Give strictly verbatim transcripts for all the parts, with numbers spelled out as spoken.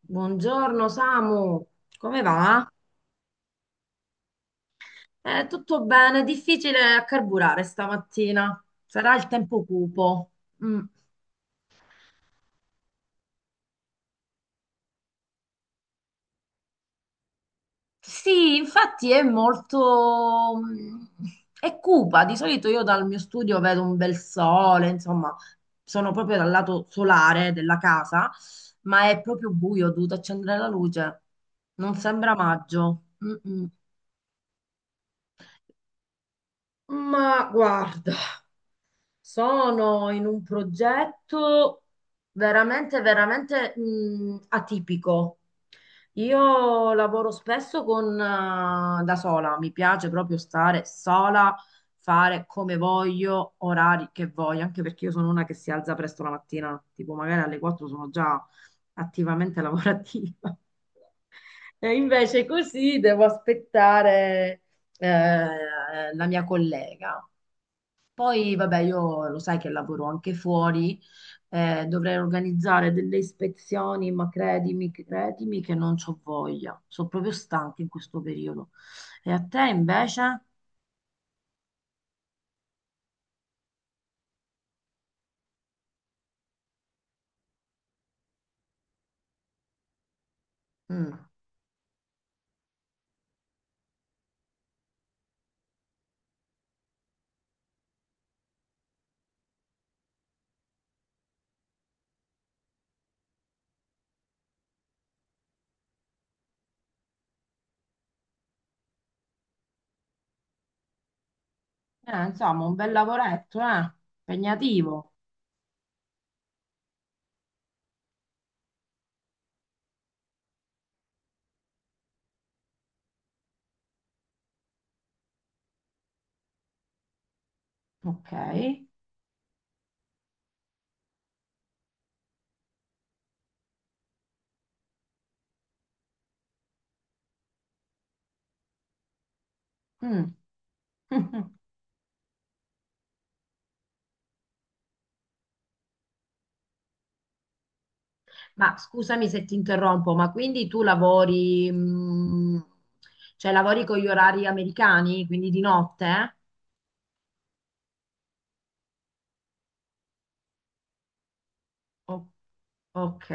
Buongiorno Samu, come va? Eh, tutto bene, difficile a carburare stamattina. Sarà il tempo cupo. Mm. Sì, infatti è molto... mm, è cupa. Di solito io dal mio studio vedo un bel sole, insomma, sono proprio dal lato solare della casa, ma è proprio buio, ho dovuto accendere la luce. Non sembra maggio. Mm-mm. Ma guarda. Sono in un progetto veramente, veramente mh, atipico. Io lavoro spesso con, eh, da sola, mi piace proprio stare sola, fare come voglio, orari che voglio, anche perché io sono una che si alza presto la mattina, tipo magari alle quattro sono già attivamente lavorativa. E invece così devo aspettare eh, la mia collega. Poi, vabbè, io lo sai che lavoro anche fuori, eh, dovrei organizzare delle ispezioni, ma credimi, credimi che non c'ho voglia. Sono proprio stanca in questo periodo. E a te invece? Mm. Eh, insomma, un bel lavoretto, eh? Impegnativo. Ok. Mm. Ma scusami se ti interrompo, ma quindi tu lavori, mm, cioè lavori con gli orari americani, quindi di notte? O- ok.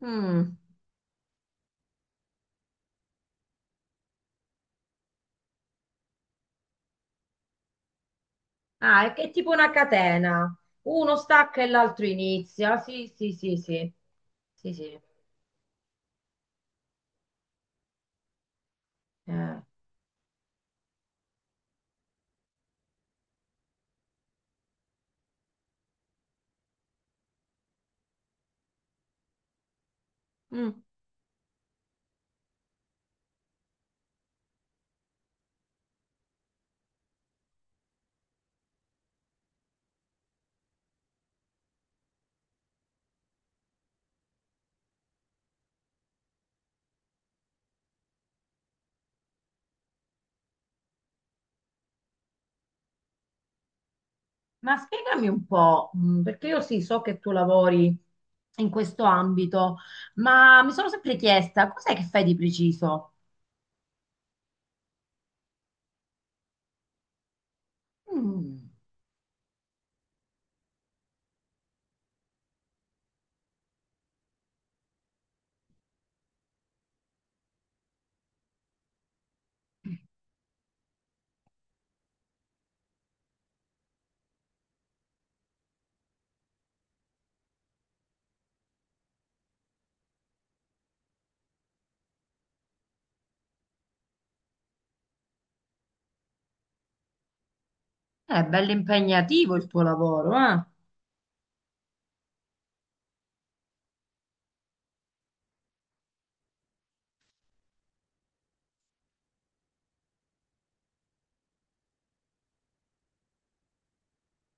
Mm. Ah, è, è tipo una catena. Uno stacca e l'altro inizia. Sì, sì, sì, sì. Sì, sì. Eh, mm. Ma spiegami un po', mm, perché io sì, so che tu lavori in questo ambito, ma mi sono sempre chiesta cos'è che fai di preciso? Mm. Eh, è bello impegnativo il tuo lavoro, eh?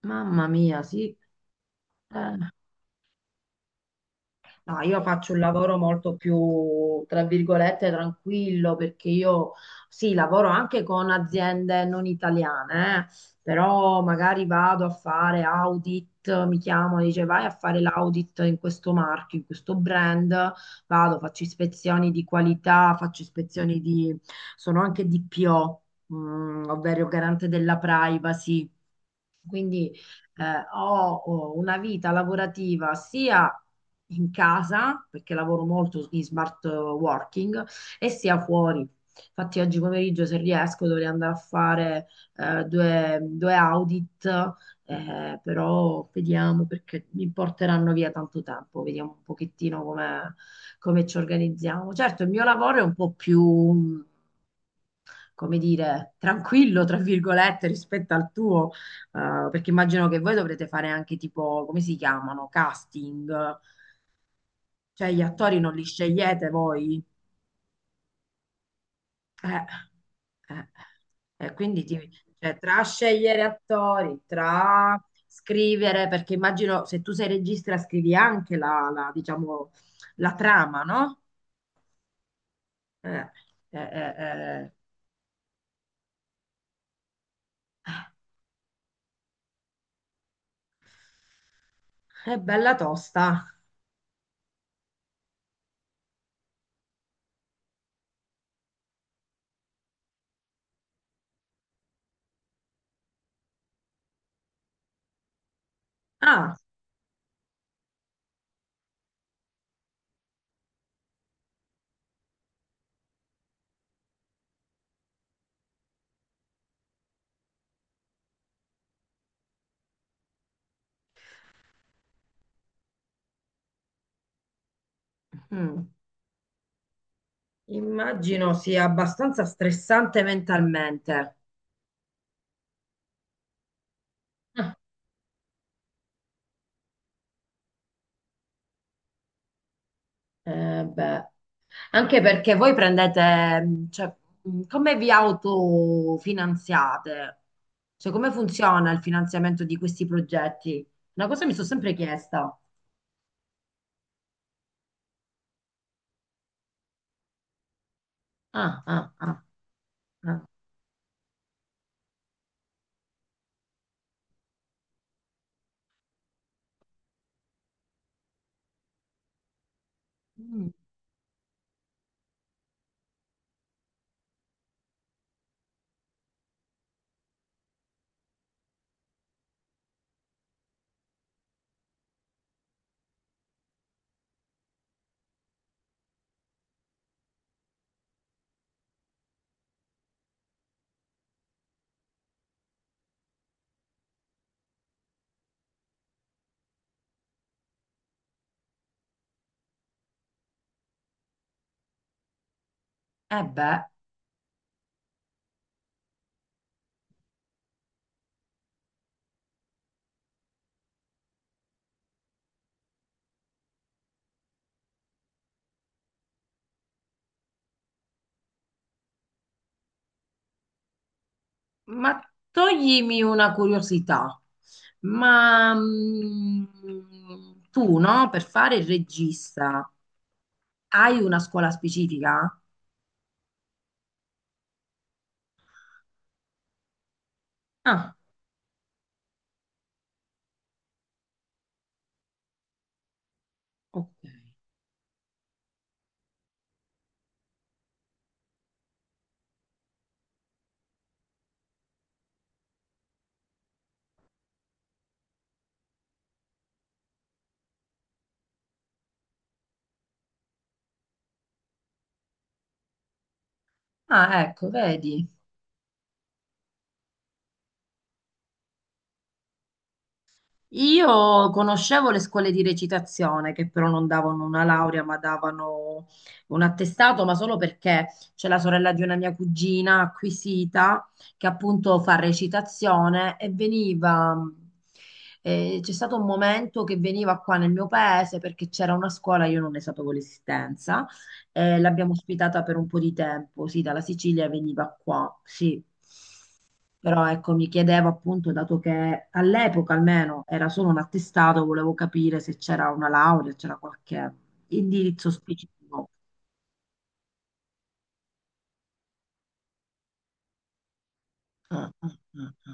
Mamma mia, sì. Eh. No, io faccio un lavoro molto più, tra virgolette, tranquillo perché io sì, lavoro anche con aziende non italiane, eh, però magari vado a fare audit, mi chiamano, dice vai a fare l'audit in questo marchio, in questo brand, vado, faccio ispezioni di qualità, faccio ispezioni di, sono anche D P O, mm, ovvero garante della privacy. Quindi eh, ho, ho una vita lavorativa sia in casa, perché lavoro molto in smart working, e sia fuori. Infatti oggi pomeriggio, se riesco, dovrei andare a fare eh, due, due audit, eh, però vediamo perché mi porteranno via tanto tempo, vediamo un pochettino come, come ci organizziamo. Certo, il mio lavoro è un po' più come dire, tranquillo, tra virgolette, rispetto al tuo, eh, perché immagino che voi dovrete fare anche tipo, come si chiamano, casting, cioè gli attori non li scegliete voi. Eh, eh, eh, quindi ti- cioè, tra scegliere attori, tra scrivere, perché immagino se tu sei regista scrivi anche la, la, diciamo, la trama, no? Eh, eh, eh, eh, è bella tosta. Ah, mm. Immagino sia abbastanza stressante mentalmente. Ah, eh, beh, anche perché voi prendete, mh, cioè, mh, come vi autofinanziate? Cioè, come funziona il finanziamento di questi progetti? Una cosa mi sono sempre chiesta. Ah, ah, ah, ah. Mm. Eh beh, ma toglimi una curiosità. Ma mm, Tu, no, per fare il regista. Hai una scuola specifica? Ah, ok. Ah, ecco, vedi. Io conoscevo le scuole di recitazione che però non davano una laurea, ma davano un attestato, ma solo perché c'è la sorella di una mia cugina acquisita che appunto fa recitazione e veniva. Eh, c'è stato un momento che veniva qua nel mio paese perché c'era una scuola, io non ne sapevo l'esistenza, e l'abbiamo ospitata per un po' di tempo. Sì, dalla Sicilia veniva qua, sì. Però ecco, mi chiedevo appunto, dato che all'epoca almeno era solo un attestato, volevo capire se c'era una laurea, c'era qualche indirizzo specifico. Mm, mm, mm, mm.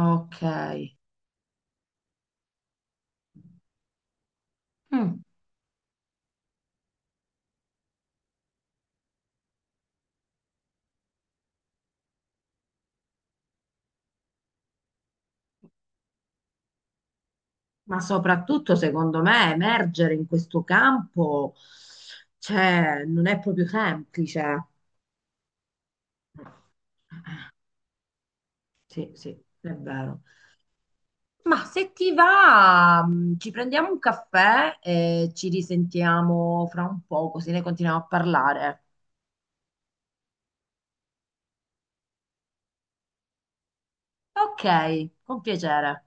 Ok. Mm. Ma soprattutto, secondo me, emergere in questo campo, cioè, non è proprio semplice. Sì, sì, è vero. Ma se ti va, mh, ci prendiamo un caffè e ci risentiamo fra un po', così ne continuiamo a parlare. Ok, con piacere.